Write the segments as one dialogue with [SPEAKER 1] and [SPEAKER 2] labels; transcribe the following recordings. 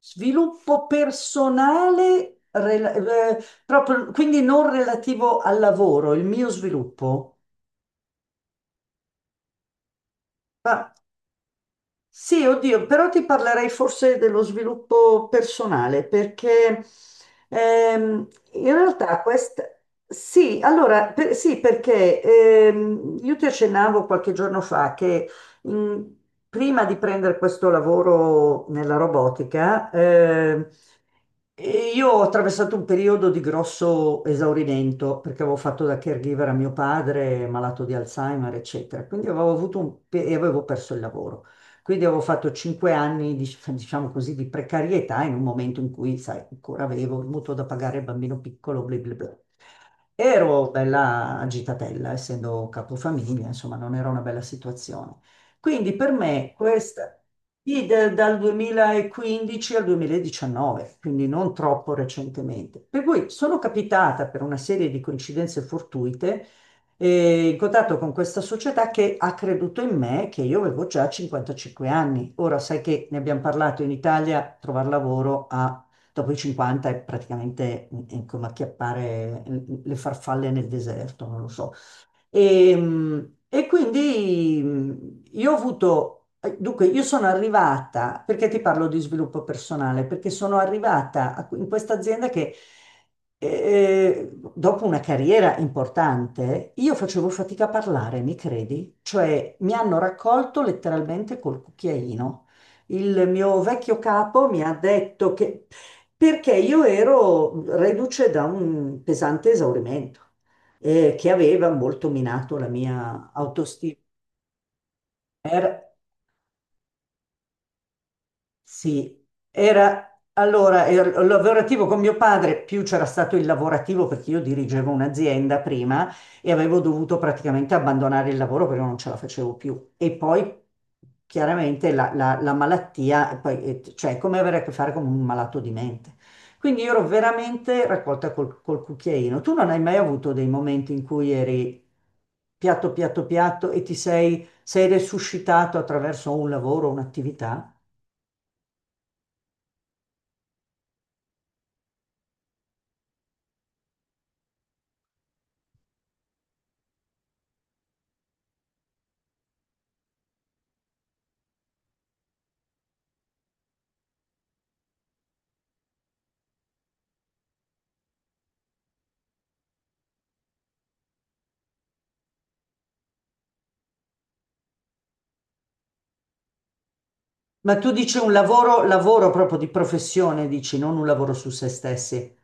[SPEAKER 1] Sviluppo personale, proprio, quindi non relativo al lavoro, il mio sviluppo. Ma, sì, oddio, però ti parlerei forse dello sviluppo personale, perché ehm, in realtà questa... Sì, allora, sì, perché io ti accennavo qualche giorno fa che mm, prima di prendere questo lavoro nella robotica, E io ho attraversato un periodo di grosso esaurimento perché avevo fatto da caregiver a mio padre, malato di Alzheimer, eccetera. Quindi avevo avuto e avevo perso il lavoro. Quindi avevo fatto 5 anni, diciamo così, di precarietà in un momento in cui, sai, ancora avevo il mutuo da pagare, il bambino piccolo, bla bla bla. Ero bella agitatella, essendo capofamiglia, insomma, non era una bella situazione. Quindi per me questa, sì, dal 2015 al 2019, quindi non troppo recentemente. Per cui sono capitata per una serie di coincidenze fortuite in contatto con questa società che ha creduto in me, che io avevo già 55 anni. Ora sai che ne abbiamo parlato in Italia, trovare lavoro dopo i 50 è praticamente come acchiappare le farfalle nel deserto, non lo so. E quindi io ho avuto, dunque, io sono arrivata, perché ti parlo di sviluppo personale? Perché sono arrivata in questa azienda che dopo una carriera importante, io facevo fatica a parlare, mi credi? Cioè, mi hanno raccolto letteralmente col cucchiaino. Il mio vecchio capo mi ha detto che perché io ero reduce da un pesante esaurimento che aveva molto minato la mia autostima. Era- Sì, era, allora lavorativo con mio padre, più c'era stato il lavorativo perché io dirigevo un'azienda prima e avevo dovuto praticamente abbandonare il lavoro perché non ce la facevo più. E poi chiaramente la malattia, poi, cioè è come avere a che fare con un malato di mente. Quindi io ero veramente raccolta col cucchiaino. Tu non hai mai avuto dei momenti in cui eri piatto, piatto, piatto e ti sei resuscitato attraverso un lavoro, un'attività? Ma tu dici un lavoro, lavoro proprio di professione, dici, non un lavoro su se stessi.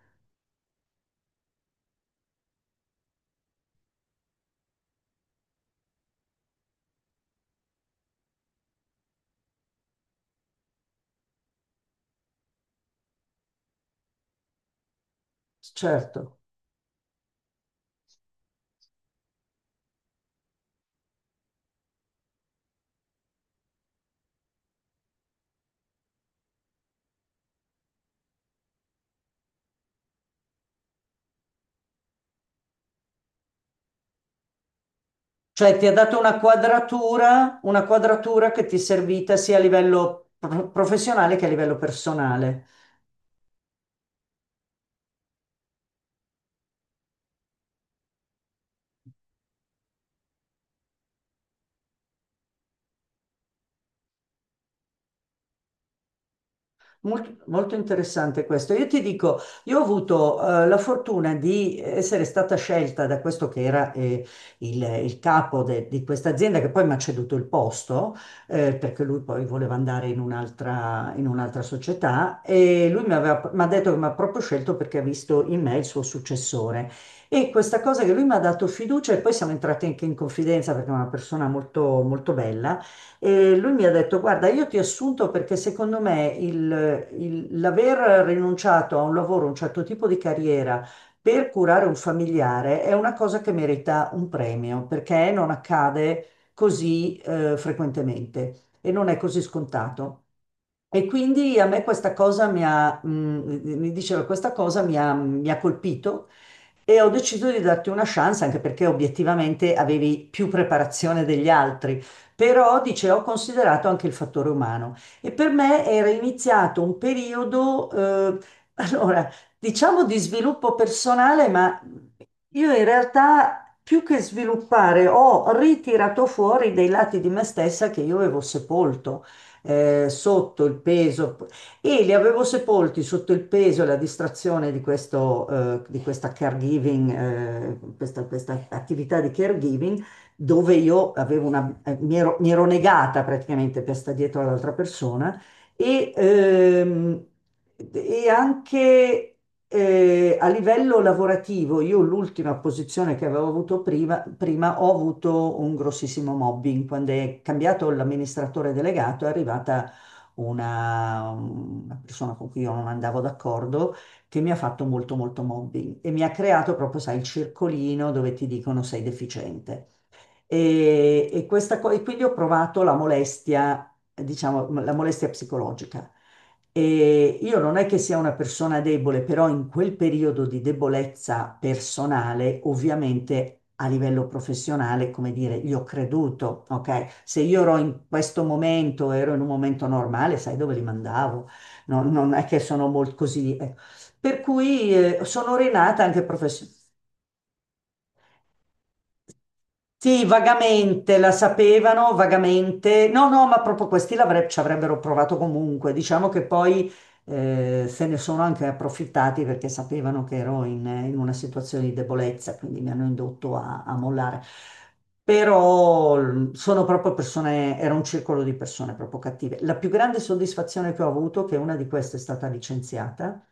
[SPEAKER 1] Certo. Cioè ti ha dato una quadratura che ti è servita sia a livello professionale che a livello personale. Molto interessante questo. Io ti dico, io ho avuto la fortuna di essere stata scelta da questo che era il capo di questa azienda, che poi mi ha ceduto il posto, perché lui poi voleva andare in un'altra società e mi ha detto che mi ha proprio scelto perché ha visto in me il suo successore. E questa cosa che lui mi ha dato fiducia e poi siamo entrati anche in confidenza perché è una persona molto, molto bella. E lui mi ha detto: "Guarda, io ti ho assunto perché secondo me l'aver rinunciato a un lavoro, un certo tipo di carriera per curare un familiare è una cosa che merita un premio perché non accade così frequentemente e non è così scontato." E quindi a me questa cosa mi ha, mm, mi diceva, questa cosa mi ha colpito, e ho deciso di darti una chance anche perché obiettivamente avevi più preparazione degli altri, però, dice, ho considerato anche il fattore umano. E per me era iniziato un periodo, allora, diciamo, di sviluppo personale, ma io in realtà, più che sviluppare, ho ritirato fuori dei lati di me stessa che io avevo sepolto sotto il peso, e li avevo sepolti sotto il peso e la distrazione di questo, di questa caregiving, questa attività di caregiving, dove io avevo mi ero negata praticamente per stare dietro all'altra persona. E, ehm, e anche, a livello lavorativo, io l'ultima posizione che avevo avuto prima ho avuto un grossissimo mobbing. Quando è cambiato l'amministratore delegato è arrivata una persona con cui io non andavo d'accordo, che mi ha fatto molto molto mobbing e mi ha creato proprio, sai, il circolino dove ti dicono: "Sei deficiente". E e quindi ho provato la molestia, diciamo, la molestia psicologica. E io non è che sia una persona debole, però in quel periodo di debolezza personale, ovviamente a livello professionale, come dire, gli ho creduto, ok? Se io ero in questo momento, ero in un momento normale, sai dove li mandavo? Non è che sono molto così. Per cui sono rinata anche professionalmente. Sì, vagamente la sapevano, vagamente. No, no, ma proprio questi ci avrebbero provato comunque. Diciamo che poi se ne sono anche approfittati perché sapevano che ero in una situazione di debolezza, quindi mi hanno indotto a mollare. Però sono proprio persone, era un circolo di persone proprio cattive. La più grande soddisfazione che ho avuto è che una di queste è stata licenziata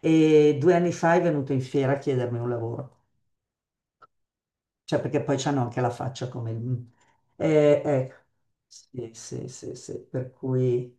[SPEAKER 1] e 2 anni fa è venuta in fiera a chiedermi un lavoro. Cioè, perché poi c'hanno anche la faccia come il... ecco. Sì, sì, sì, sì, per cui...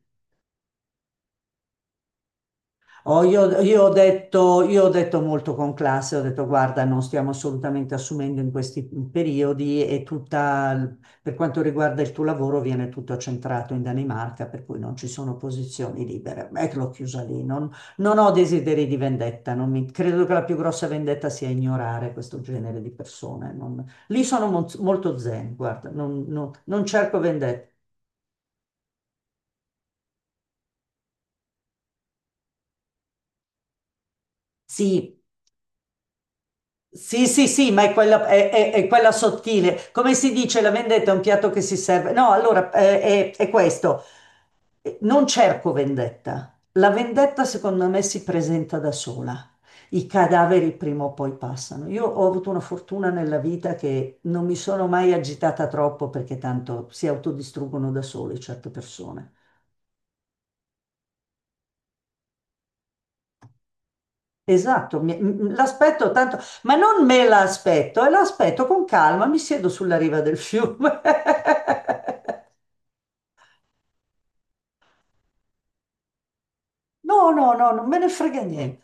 [SPEAKER 1] Oh, io ho detto molto con classe, ho detto: "Guarda, non stiamo assolutamente assumendo in questi periodi, e tutta, per quanto riguarda il tuo lavoro, viene tutto centrato in Danimarca, per cui non ci sono posizioni libere." E l'ho chiusa lì, non ho desideri di vendetta, non mi- credo che la più grossa vendetta sia ignorare questo genere di persone. Lì sono molto zen, guarda, non cerco vendetta. Sì. Sì, sì, sì, ma è quella, è quella sottile. Come si dice, la vendetta è un piatto che si serve. No, allora è questo. Non cerco vendetta. La vendetta, secondo me, si presenta da sola. I cadaveri prima o poi passano. Io ho avuto una fortuna nella vita: che non mi sono mai agitata troppo perché tanto si autodistruggono da sole certe persone. Esatto, l'aspetto tanto, ma non me l'aspetto, e l'aspetto con calma, mi siedo sulla riva del fiume. No, no, no, non me ne frega niente.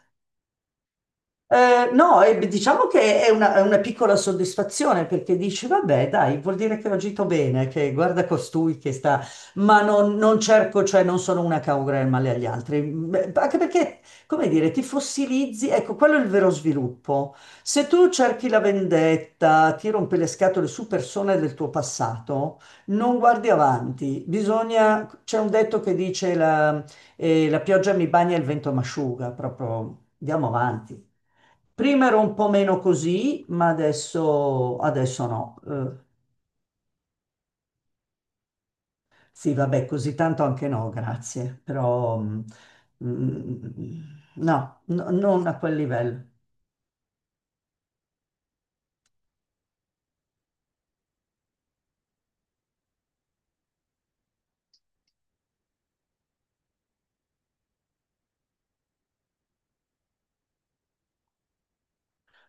[SPEAKER 1] No, e beh, diciamo che è una, piccola soddisfazione, perché dici: "Vabbè, dai, vuol dire che ho agito bene, che guarda costui che sta..." Ma non cerco, cioè non sono una che augura il male agli altri. Beh, anche perché, come dire, ti fossilizzi, ecco, quello è il vero sviluppo. Se tu cerchi la vendetta, ti rompi le scatole su persone del tuo passato, non guardi avanti. Bisogna... c'è un detto che dice la pioggia mi bagna e il vento m'asciuga, proprio andiamo avanti. Prima ero un po' meno così, ma adesso, adesso no. Sì, vabbè, così tanto anche no, grazie, però mm, mm, no, no, non a quel livello.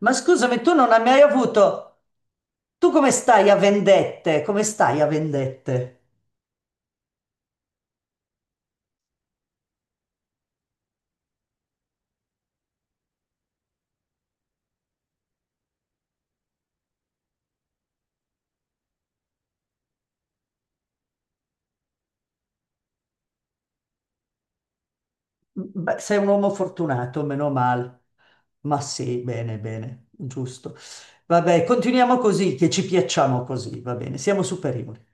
[SPEAKER 1] Ma scusami, tu non hai mai avuto... Tu come stai a vendette? Come stai a vendette? Beh, sei un uomo fortunato, meno male. Ma sì, bene, bene, giusto. Vabbè, continuiamo così, che ci piacciamo così, va bene, siamo superiori.